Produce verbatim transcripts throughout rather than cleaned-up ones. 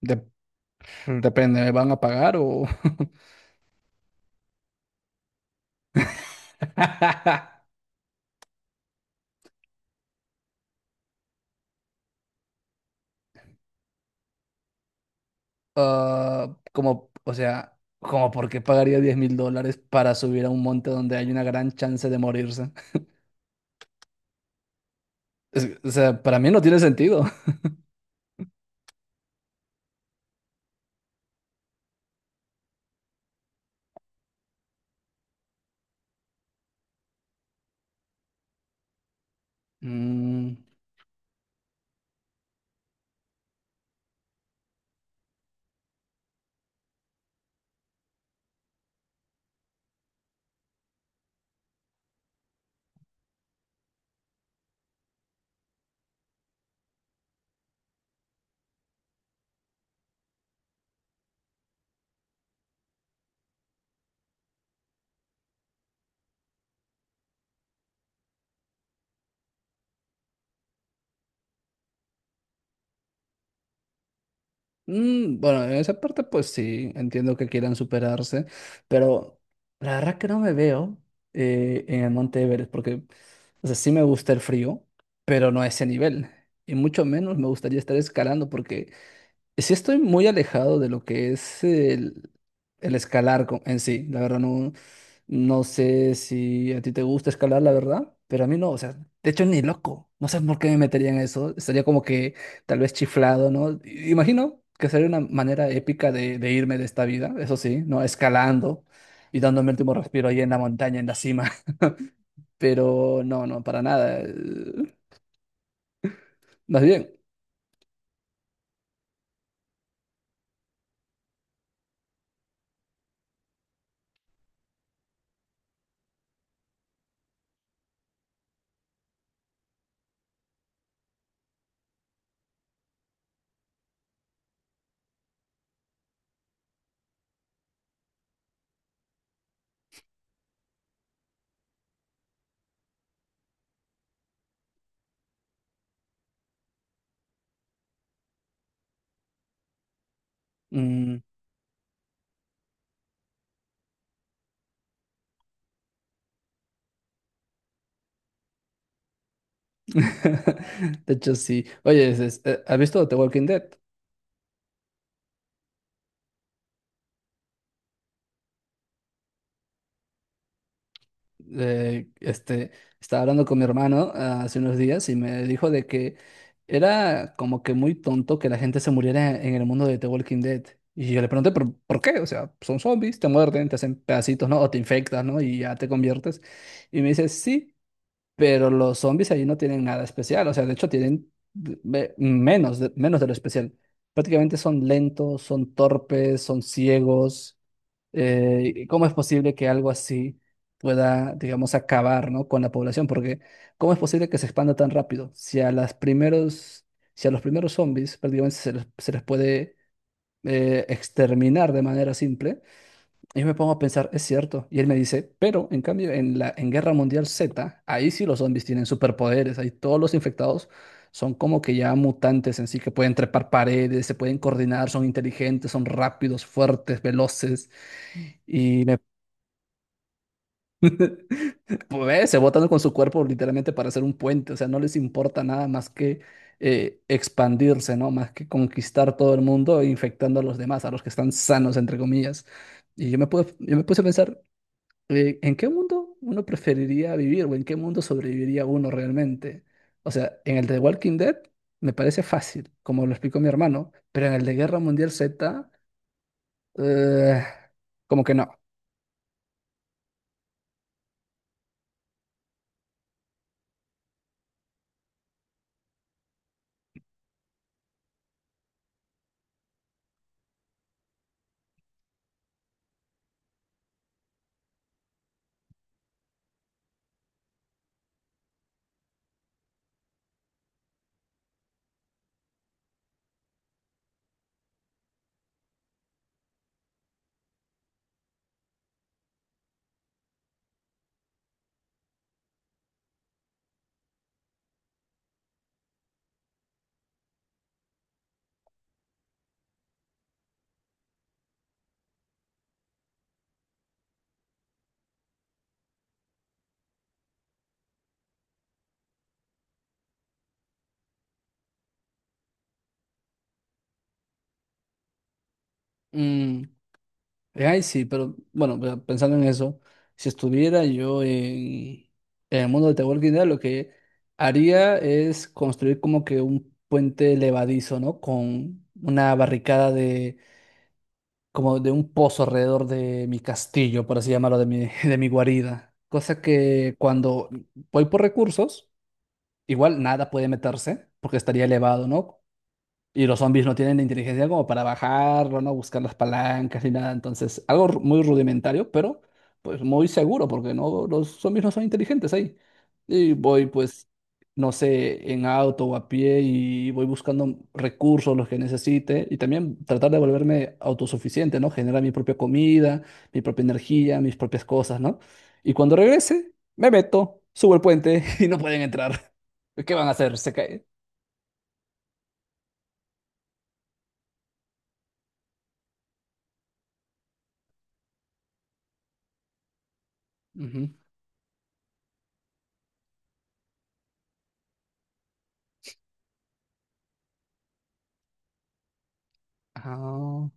Dep- Depende, ¿me van a pagar o...? Ah, como, o sea, como por qué pagaría diez mil dólares para subir a un monte donde hay una gran chance de morirse. Es- o sea, para mí no tiene sentido. Mm, mm, bueno, en esa parte pues sí, entiendo que quieran superarse, pero la verdad que no me veo eh, en el monte Everest porque, o sea, sí me gusta el frío, pero no a ese nivel. Y mucho menos me gustaría estar escalando porque... Sí estoy muy alejado de lo que es el, el escalar co- en sí. La verdad no, no sé si a ti te gusta escalar, la verdad, pero a mí no. O sea, de hecho ni loco. No sé por qué me metería en eso. Estaría como que tal vez chiflado, ¿no? I- Imagino que sería una manera épica de, de irme de esta vida, eso sí, ¿no? Escalando y dándome el último respiro ahí en la montaña, en la cima. Pero no, no, para nada. Eh, Más bien. mm, De hecho, sí. Oye, es- es- eh, ¿has visto The Walking Dead? Eh, este, Estaba hablando con mi hermano ah, hace unos días y me dijo de que era como que muy tonto que la gente se muriera en el mundo de The Walking Dead. Y yo le pregunté, ¿por, por qué? O sea, son zombies, te muerden, te hacen pedacitos, ¿no? O te infectas, ¿no? Y ya te conviertes. Y me dice, sí, pero los zombies ahí no tienen nada especial. O sea, de hecho, tienen de- me- menos, de- menos de lo especial. Prácticamente son lentos, son torpes, son ciegos. Eh, ¿cómo es posible que algo así pueda, digamos, acabar ¿no? con la población? Porque ¿cómo es posible que se expanda tan rápido? Si a las primeros, si a los primeros zombies prácticamente se les, se les puede eh, exterminar de manera simple, yo me pongo a pensar, es cierto. Y él me dice, pero en cambio en la en Guerra Mundial Z, ahí sí los zombies tienen superpoderes, ahí todos los infectados son como que ya mutantes en sí, que pueden trepar paredes, se pueden coordinar, son inteligentes, son rápidos, fuertes, veloces. Y me pues, se botan con su cuerpo literalmente para hacer un puente, o sea, no les importa nada más que eh, expandirse, ¿no? Más que conquistar todo el mundo e infectando a los demás, a los que están sanos, entre comillas. Y yo me puse, yo me puse a pensar, eh, ¿en qué mundo uno preferiría vivir o en qué mundo sobreviviría uno realmente? O sea, en el de Walking Dead me parece fácil, como lo explicó mi hermano, pero en el de Guerra Mundial Z, eh, como que no. Mm, Eh, Ay, sí, pero bueno, pero pensando en eso, si estuviera yo en, en el mundo de The Walking Dead, lo que haría es construir como que un puente levadizo, ¿no? Con una barricada de, como de un pozo alrededor de mi castillo, por así llamarlo, de mi, de mi guarida. Cosa que cuando voy por recursos, igual nada puede meterse, porque estaría elevado, ¿no? Y los zombies no tienen la inteligencia como para bajarlo, no buscar las palancas ni nada. Entonces, algo ru- muy rudimentario, pero pues muy seguro, porque no, los zombies no son inteligentes ahí. Y voy, pues, no sé, en auto o a pie y voy buscando recursos, los que necesite. Y también tratar de volverme autosuficiente, ¿no? Generar mi propia comida, mi propia energía, mis propias cosas, ¿no? Y cuando regrese, me meto, subo el puente y no pueden entrar. ¿Qué van a hacer? Se cae. Ujú. Ah.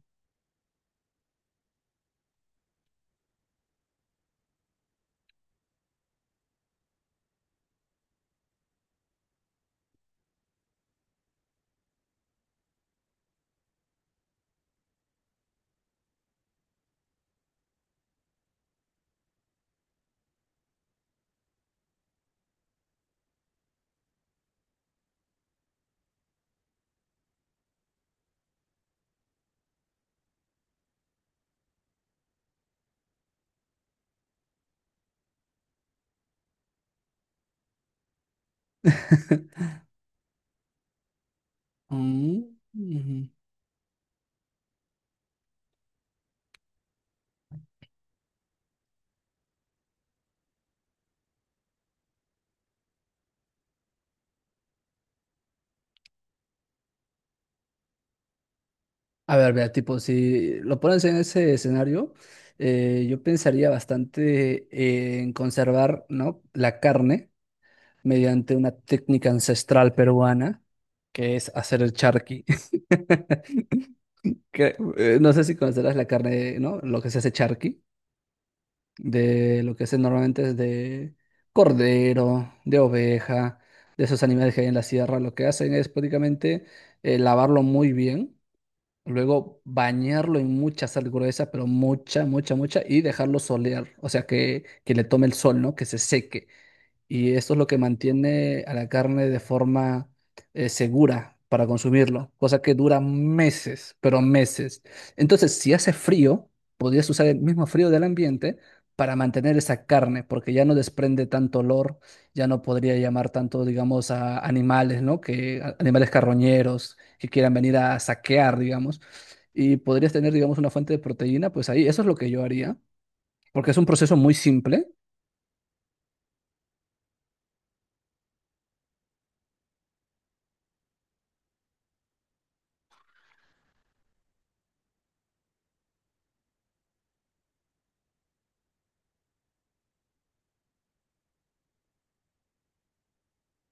Mm, ujú. A ver, vea, tipo, si lo pones en ese escenario, eh, yo pensaría bastante en conservar, ¿no? La carne mediante una técnica ancestral peruana, que es hacer el charqui. Que, eh, no sé si conocerás la carne, ¿no? Lo que se hace charqui, de lo que se normalmente es de cordero, de oveja, de esos animales que hay en la sierra. Lo que hacen es prácticamente eh, lavarlo muy bien. Luego bañarlo en mucha sal gruesa, pero mucha, mucha, mucha, y dejarlo solear, o sea, que, que le tome el sol, ¿no? Que se seque, y esto es lo que mantiene a la carne de forma eh, segura para consumirlo, cosa que dura meses, pero meses. Entonces, si hace frío, podrías usar el mismo frío del ambiente para mantener esa carne, porque ya no desprende tanto olor, ya no podría llamar tanto, digamos, a animales, ¿no? Que a- animales carroñeros que quieran venir a saquear, digamos, y podrías tener, digamos, una fuente de proteína, pues ahí, eso es lo que yo haría, porque es un proceso muy simple.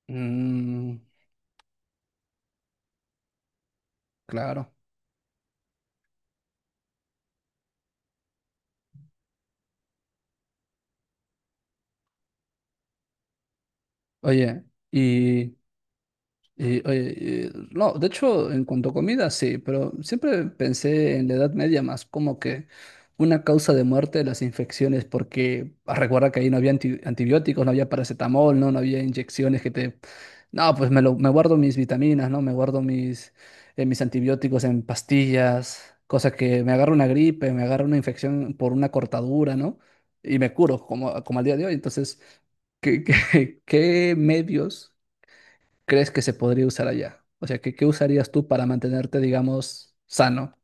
Mm, claro. Oye, y, y, oye, y- no, de hecho, en cuanto a comida, sí, pero siempre pensé en la Edad Media más como que una causa de muerte de las infecciones, porque ah, recuerda que ahí no había anti- antibióticos, no había paracetamol, no, no había inyecciones que te... No, pues me, lo- me guardo mis vitaminas, ¿no? Me guardo mis, eh, mis antibióticos en pastillas, cosa que me agarra una gripe, me agarra una infección por una cortadura, ¿no? Y me curo, como, como al día de hoy. Entonces, ¿qué, qué, qué medios crees que se podría usar allá? O sea, ¿qué, qué usarías tú para mantenerte, digamos, sano?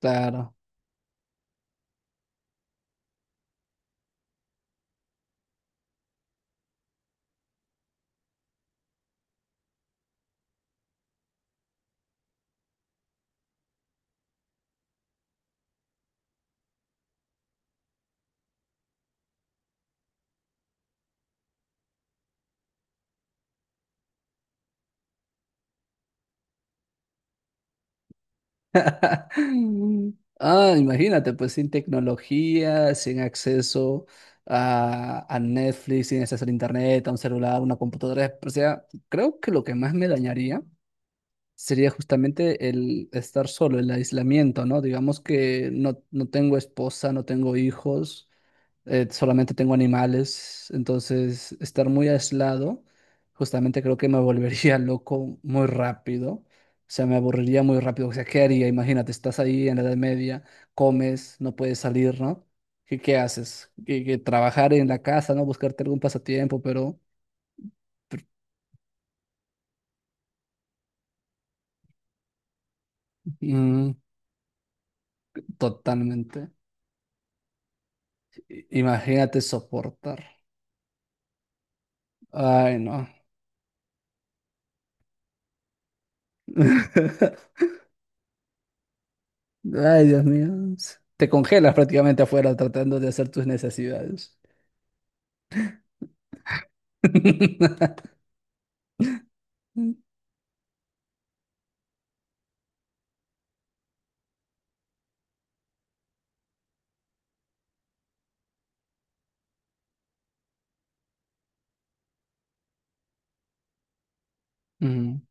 Claro. Mm. Ah, imagínate, pues sin tecnología, sin acceso a, a Netflix, sin acceso a internet, a un celular, una computadora. O sea, creo que lo que más me dañaría sería justamente el estar solo, el aislamiento, ¿no? Digamos que no, no tengo esposa, no tengo hijos. Eh, solamente tengo animales, entonces estar muy aislado, justamente creo que me volvería loco muy rápido, o sea, me aburriría muy rápido, o sea, ¿qué haría? Imagínate, estás ahí en la Edad Media, comes, no puedes salir, ¿no? ¿Qué, qué haces? Que, que trabajar en la casa, ¿no? Buscarte algún pasatiempo, pero mm, totalmente. I- Imagínate soportar. Ay, no. Ay, Dios mío. Te congelas prácticamente afuera tratando de hacer tus necesidades. Mm,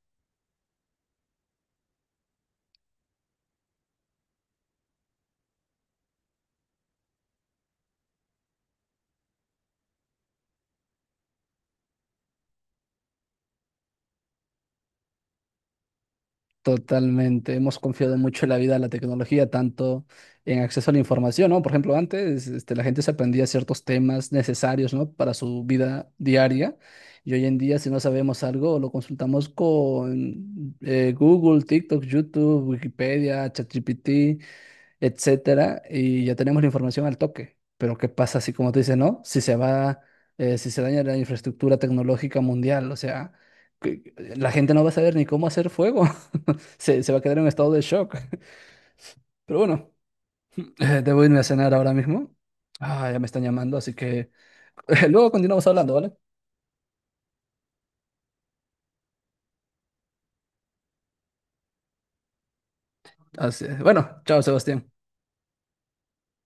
totalmente. Hemos confiado mucho en la vida, en la tecnología, tanto en acceso a la información, ¿no? Por ejemplo, antes, este, la gente se aprendía ciertos temas necesarios, ¿no? Para su vida diaria. Y hoy en día, si no sabemos algo, lo consultamos con eh, Google, TikTok, YouTube, Wikipedia, ChatGPT, etcétera, y ya tenemos la información al toque. Pero ¿qué pasa si, como tú dices, no? Si se va, eh, si se daña la infraestructura tecnológica mundial, o sea, que- la gente no va a saber ni cómo hacer fuego, se, se va a quedar en estado de shock. Pero bueno, eh, debo irme a cenar ahora mismo. Ah, ya me están llamando, así que luego continuamos hablando, ¿vale? Así- bueno, chao, Sebastián.